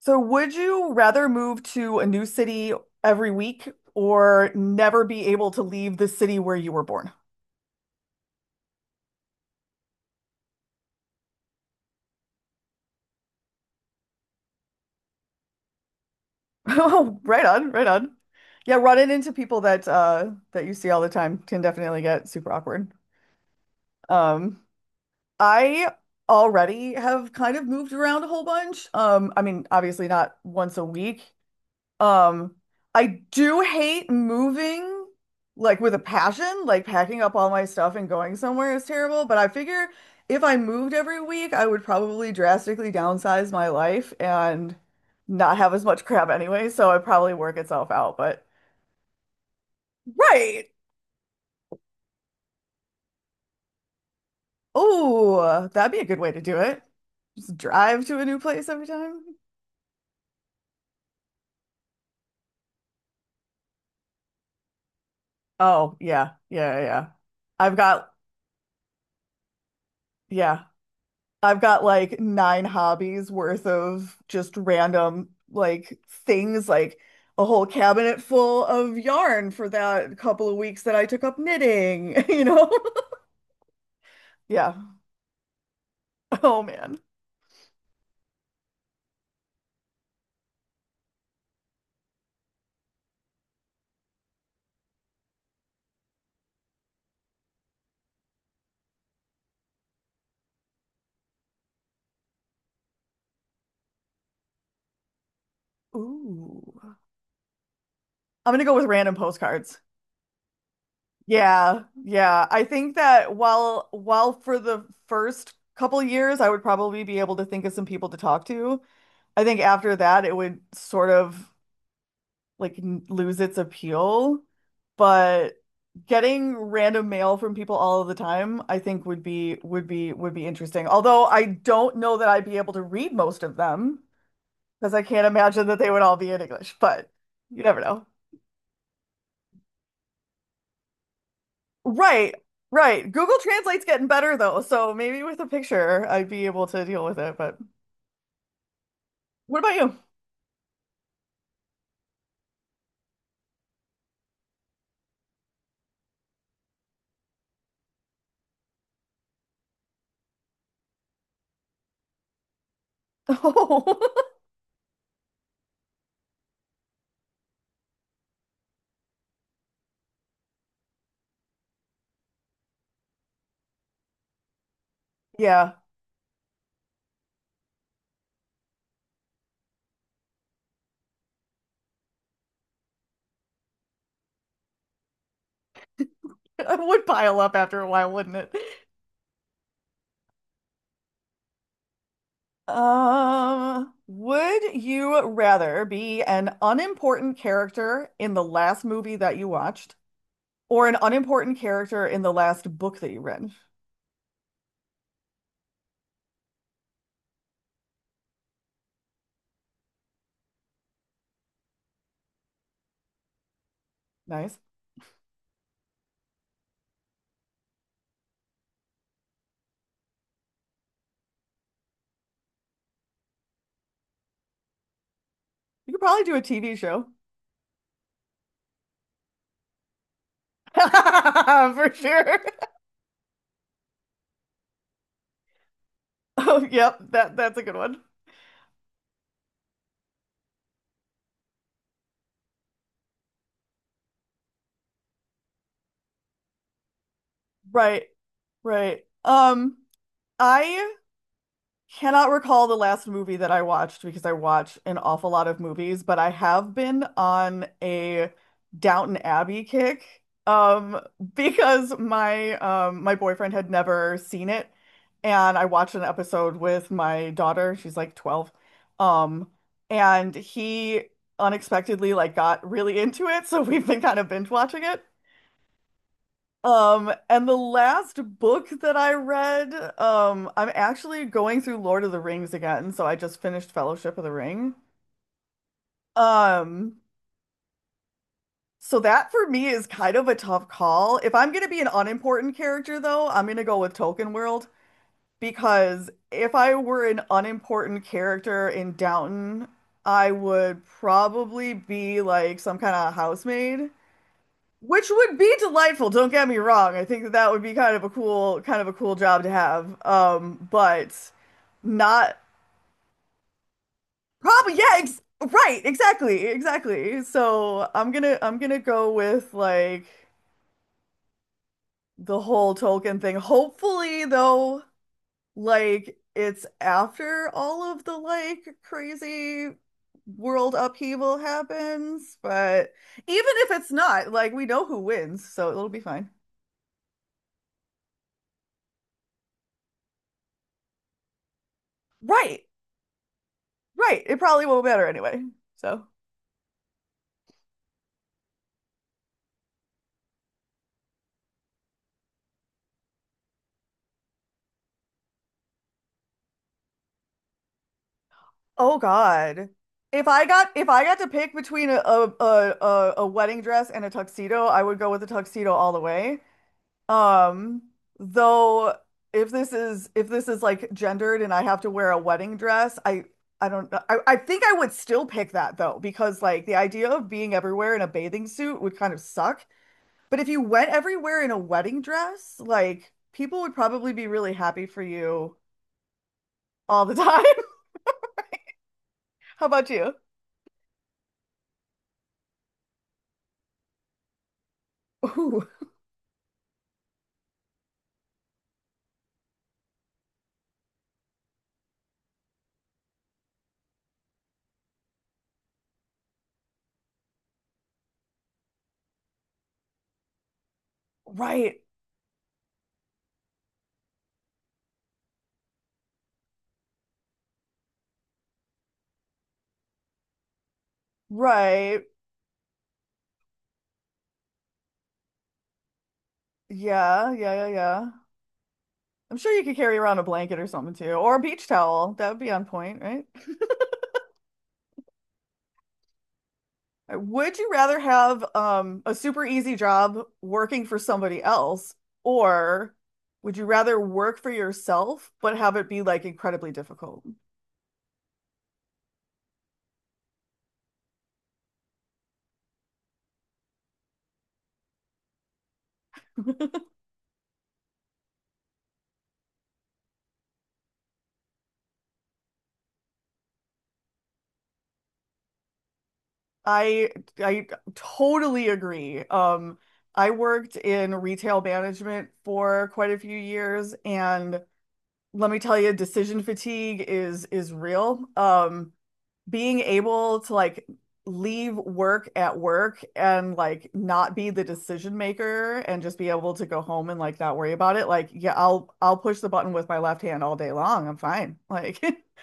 So, would you rather move to a new city every week or never be able to leave the city where you were born? Oh, right on, right on. Yeah, running into people that that you see all the time can definitely get super awkward. Um, I already have kind of moved around a whole bunch. I mean, obviously not once a week. Um, I do hate moving like with a passion, like packing up all my stuff and going somewhere is terrible, but I figure if I moved every week, I would probably drastically downsize my life and not have as much crap anyway, so it'd probably work itself out, but right. Oh, that'd be a good way to do it. Just drive to a new place every time. Oh, yeah. Yeah, yeah, yeah. I've got, yeah, I've got like nine hobbies worth of just random like things, like a whole cabinet full of yarn for that couple of weeks that I took up knitting, you know? Yeah. Oh man. Ooh. I'm gonna go with random postcards. Yeah, yeah. I think that while for the first couple years I would probably be able to think of some people to talk to, I think after that it would sort of like lose its appeal. But getting random mail from people all of the time, I think would be interesting. Although I don't know that I'd be able to read most of them because I can't imagine that they would all be in English, but you never know. Right, right. Google Translate's getting better though, so maybe with a picture I'd be able to deal with it. But what about you? Oh, yeah, it would pile up after a while, wouldn't it? Would you rather be an unimportant character in the last movie that you watched? Or an unimportant character in the last book that you read. Nice. You could probably do a TV show. For sure. Oh, yep, that's a good one. Right, right. I cannot recall the last movie that I watched because I watch an awful lot of movies, but I have been on a Downton Abbey kick. Um, because my boyfriend had never seen it, and I watched an episode with my daughter. She's like 12. Um, and he unexpectedly like got really into it, so we've been kind of binge watching it. And the last book that I read, I'm actually going through Lord of the Rings again, so I just finished Fellowship of the Ring. Um, so that for me is kind of a tough call. If I'm gonna be an unimportant character though, I'm gonna go with Tolkien World, because if I were an unimportant character in Downton, I would probably be like some kind of housemaid. Which would be delightful, don't get me wrong. I think that that would be kind of a cool job to have. But not probably yeah, ex right, exactly, exactly. So I'm gonna go with like the whole Tolkien thing. Hopefully though, like it's after all of the like crazy world upheaval happens, but even if it's not, like we know who wins, so it'll be fine. Right. Right. It probably won't matter anyway. So, oh God. If I got to pick between wedding dress and a tuxedo, I would go with a tuxedo all the way. Um, though if this is like gendered and I have to wear a wedding dress, I don't know. I think I would still pick that though, because like the idea of being everywhere in a bathing suit would kind of suck. But if you went everywhere in a wedding dress, like people would probably be really happy for you all the time. How about you? Ooh. Right, right. Yeah, yeah, yeah, yeah. I'm sure you could carry around a blanket or something too, or a beach towel. That would be on point, right? Would you rather have a super easy job working for somebody else, or would you rather work for yourself but have it be like incredibly difficult? I I totally agree. I worked in retail management for quite a few years and let me tell you, decision fatigue is real. Being able to like leave work at work and like not be the decision maker and just be able to go home and like not worry about it. Like, yeah, I'll push the button with my left hand all day long. I'm fine. Like,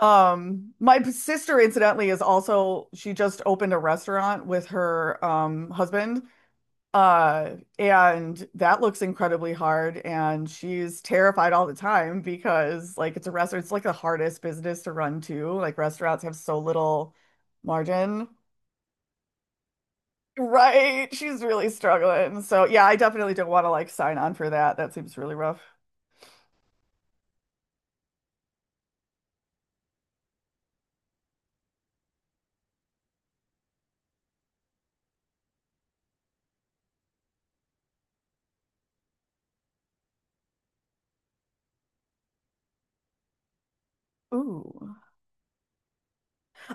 my sister incidentally is also she just opened a restaurant with her husband, and that looks incredibly hard, and she's terrified all the time because like it's a restaurant, it's like the hardest business to run too. Like restaurants have so little margin. Right. She's really struggling. So yeah, I definitely don't want to like sign on for that. That seems really rough. Ooh.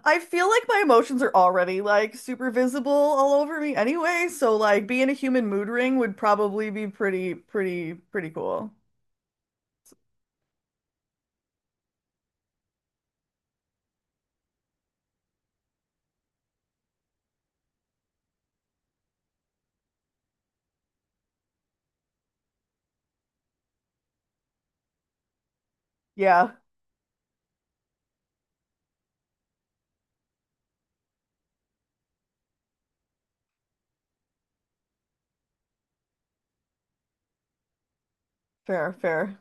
I feel like my emotions are already like super visible all over me anyway, so like being a human mood ring would probably be pretty cool. Yeah, fair, fair.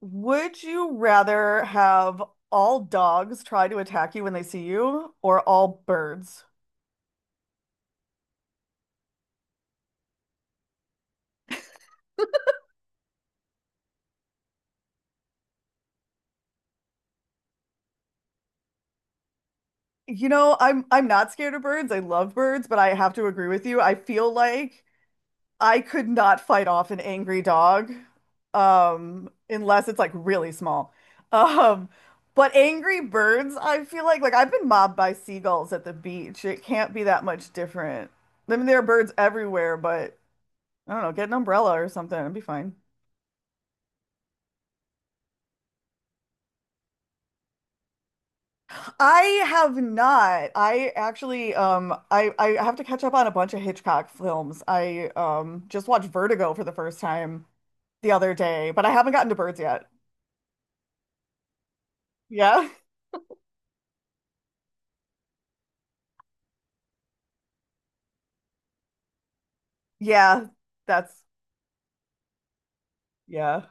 Would you rather have all dogs try to attack you when they see you or all birds? You know, I'm not scared of birds. I love birds, but I have to agree with you. I feel like I could not fight off an angry dog, unless it's like really small. Um, but angry birds, I feel like I've been mobbed by seagulls at the beach. It can't be that much different. I mean, there are birds everywhere, but I don't know, get an umbrella or something, it'd be fine. I have not. I actually, I have to catch up on a bunch of Hitchcock films. I just watched Vertigo for the first time the other day, but I haven't gotten to birds yet. Yeah. Yeah, that's yeah.